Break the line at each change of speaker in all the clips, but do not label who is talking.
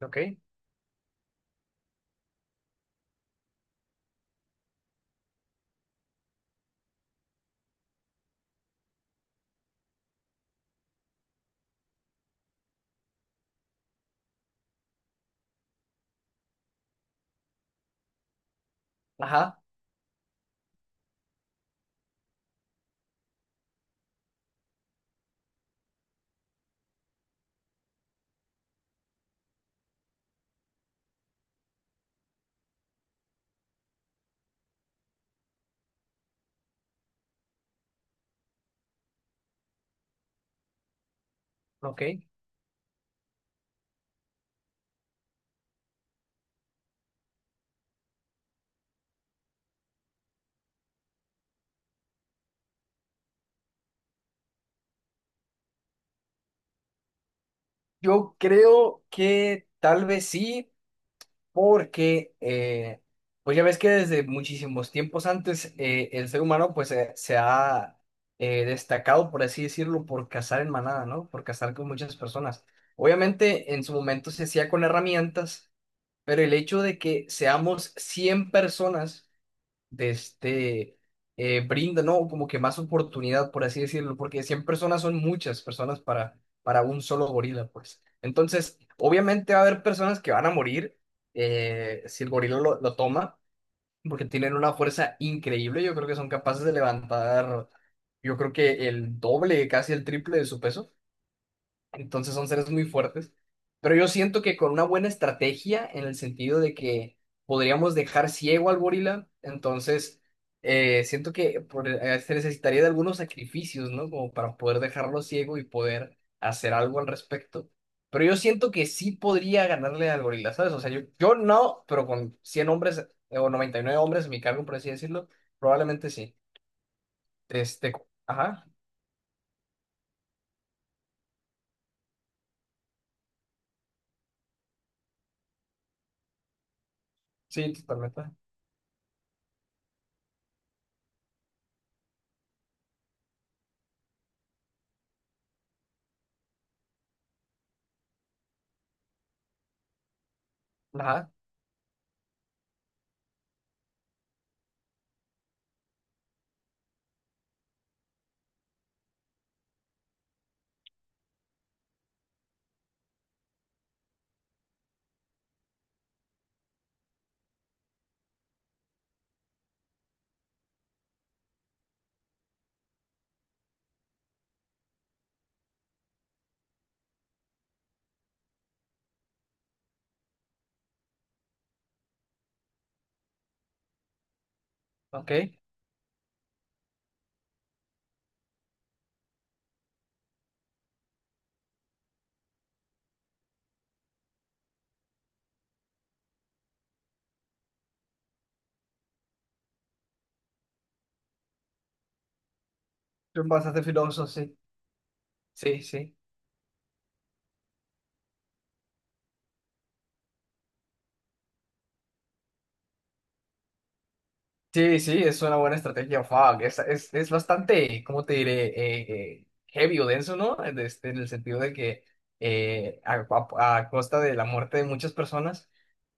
Ok, ajá, ok. Yo creo que tal vez sí, porque pues ya ves que desde muchísimos tiempos antes el ser humano pues se ha destacado, por así decirlo, por cazar en manada, ¿no? Por cazar con muchas personas. Obviamente en su momento se hacía con herramientas, pero el hecho de que seamos 100 personas de este, brinda, ¿no? Como que más oportunidad, por así decirlo, porque 100 personas son muchas personas para un solo gorila, pues. Entonces, obviamente va a haber personas que van a morir, si el gorila lo toma, porque tienen una fuerza increíble, yo creo que son capaces de levantar, yo creo que el doble, casi el triple de su peso. Entonces son seres muy fuertes. Pero yo siento que con una buena estrategia, en el sentido de que podríamos dejar ciego al gorila, entonces siento que se necesitaría de algunos sacrificios, ¿no? Como para poder dejarlo ciego y poder hacer algo al respecto. Pero yo siento que sí podría ganarle al gorila, ¿sabes? O sea, yo no, pero con 100 hombres o 99 hombres a mi cargo, por así decirlo, probablemente sí. Este, ajá, sí, totalmente. Ajá, ok. Tú pasaste filoso, sí. Sí, sí. Sí, sí, es una buena estrategia. Fuck. Es bastante, ¿cómo te diré? Heavy o denso, ¿no? En este, en el sentido de que eh, a, a costa de la muerte de muchas personas,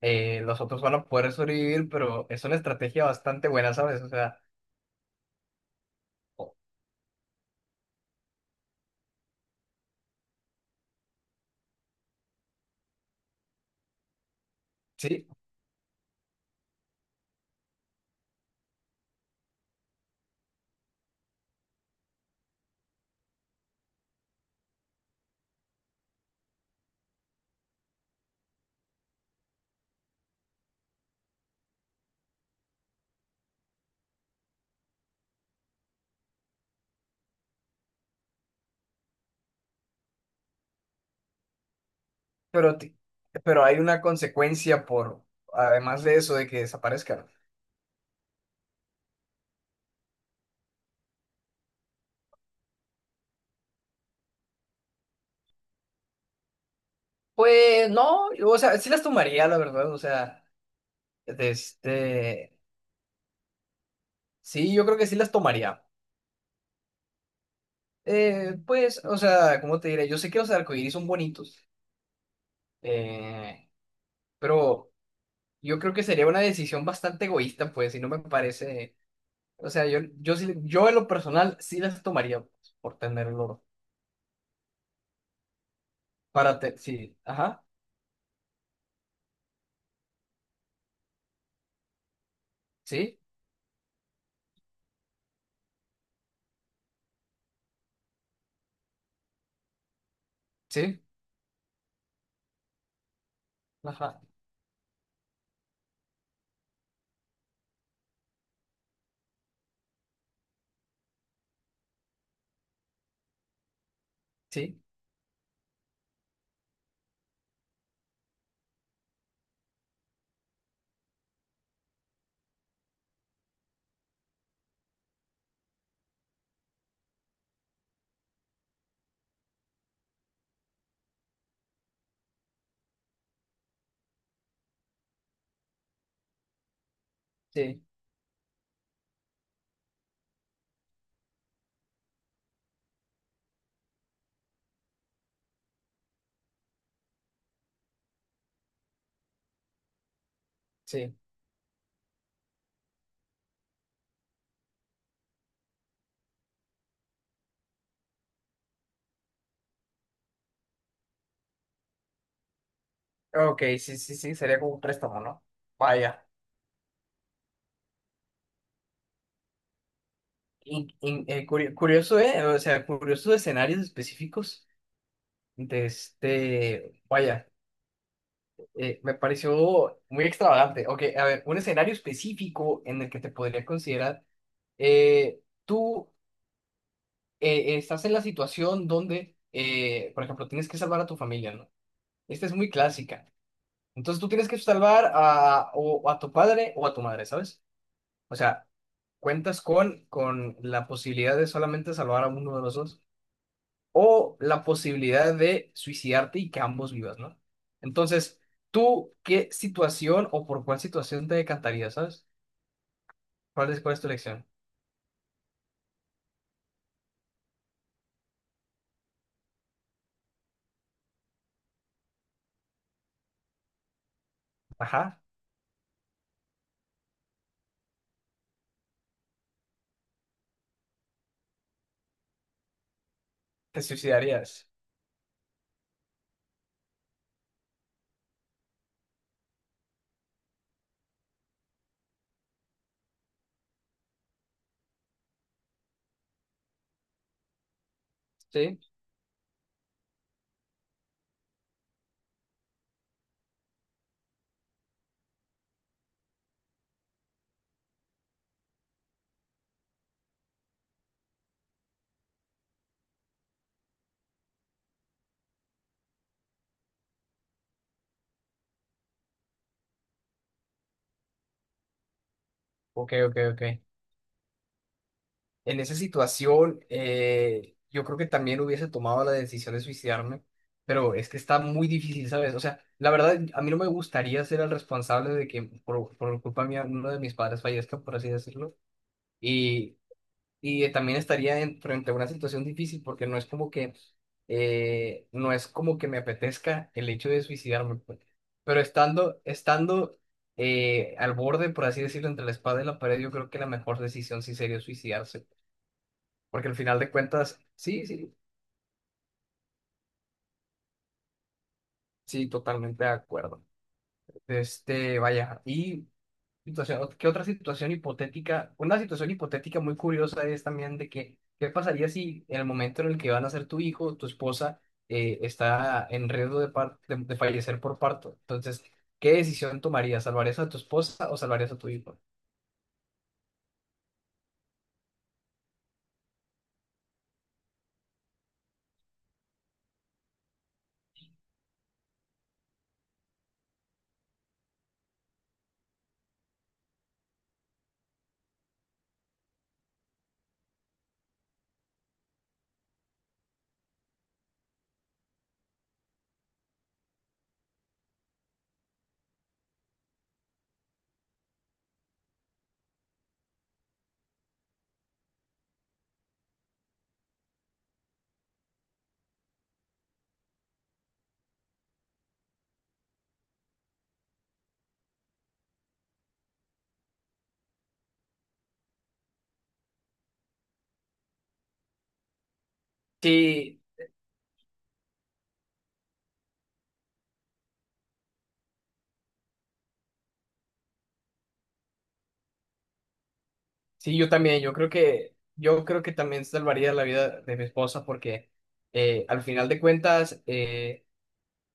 los otros van a poder sobrevivir, pero es una estrategia bastante buena, ¿sabes? O sea, o- sí, pero, ti- pero hay una consecuencia por, además de eso, de que desaparezcan. Pues no, yo, o sea, sí las tomaría, la verdad, o sea, de este, sí, yo creo que sí las tomaría. Pues, o sea, ¿cómo te diré? Yo sé que los arcoíris son bonitos, eh, pero yo creo que sería una decisión bastante egoísta, pues, y no me parece. O sea, yo en lo personal sí las tomaría pues, por tener el oro. Sí, ajá, sí, sí, ajá, sí, sí, sí. Ok, sí, sí, sí, sería como un préstamo, ¿no? Vaya. Curioso, ¿eh? O sea, curioso escenarios específicos de este. Vaya. Me pareció muy extravagante. Ok, a ver, un escenario específico en el que te podría considerar, eh, tú estás en la situación donde, por ejemplo, tienes que salvar a tu familia, ¿no? Esta es muy clásica. Entonces tú tienes que salvar a, o a tu padre o a tu madre, ¿sabes? O sea, cuentas con la posibilidad de solamente salvar a uno de los dos, o la posibilidad de suicidarte y que ambos vivas, ¿no? Entonces, ¿tú qué situación o por cuál situación te decantarías, sabes? Cuál es tu elección? Ajá, te suicidarías. Sí. Ok, ok, ok. En esa situación, yo creo que también hubiese tomado la decisión de suicidarme, pero es que está muy difícil, ¿sabes? O sea, la verdad, a mí no me gustaría ser el responsable de que por culpa mía uno de mis padres fallezca, por así decirlo. y Y también estaría frente a una situación difícil porque no es como que, no es como que me apetezca el hecho de suicidarme, pues. Pero estando al borde, por así decirlo, entre la espada y la pared, yo creo que la mejor decisión sí sería suicidarse. Porque al final de cuentas, sí, sí, sí, totalmente de acuerdo. Este, vaya, y situación, ¿qué otra situación hipotética? Una situación hipotética muy curiosa es también de que, ¿qué pasaría si en el momento en el que van a ser tu hijo, tu esposa, está en riesgo de, de fallecer por parto? Entonces, ¿qué decisión tomarías? ¿Salvarías a tu esposa o salvarías a tu hijo? Sí, sí, yo también, yo creo que también salvaría la vida de mi esposa porque al final de cuentas,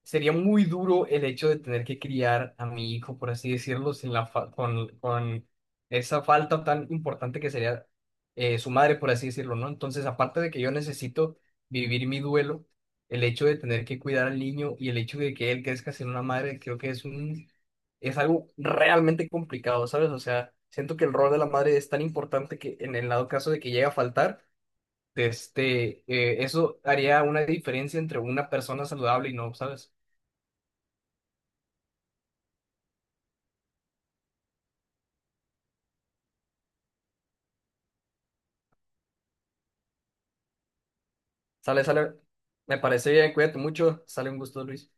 sería muy duro el hecho de tener que criar a mi hijo, por así decirlo, sin con esa falta tan importante que sería su madre, por así decirlo, ¿no? Entonces, aparte de que yo necesito vivir mi duelo, el hecho de tener que cuidar al niño y el hecho de que él crezca sin una madre, creo que es un, es algo realmente complicado, ¿sabes? O sea, siento que el rol de la madre es tan importante que en el dado caso de que llegue a faltar, este, eso haría una diferencia entre una persona saludable y no, ¿sabes? Sale, sale. Me parece bien, cuídate mucho. Sale un gusto, Luis.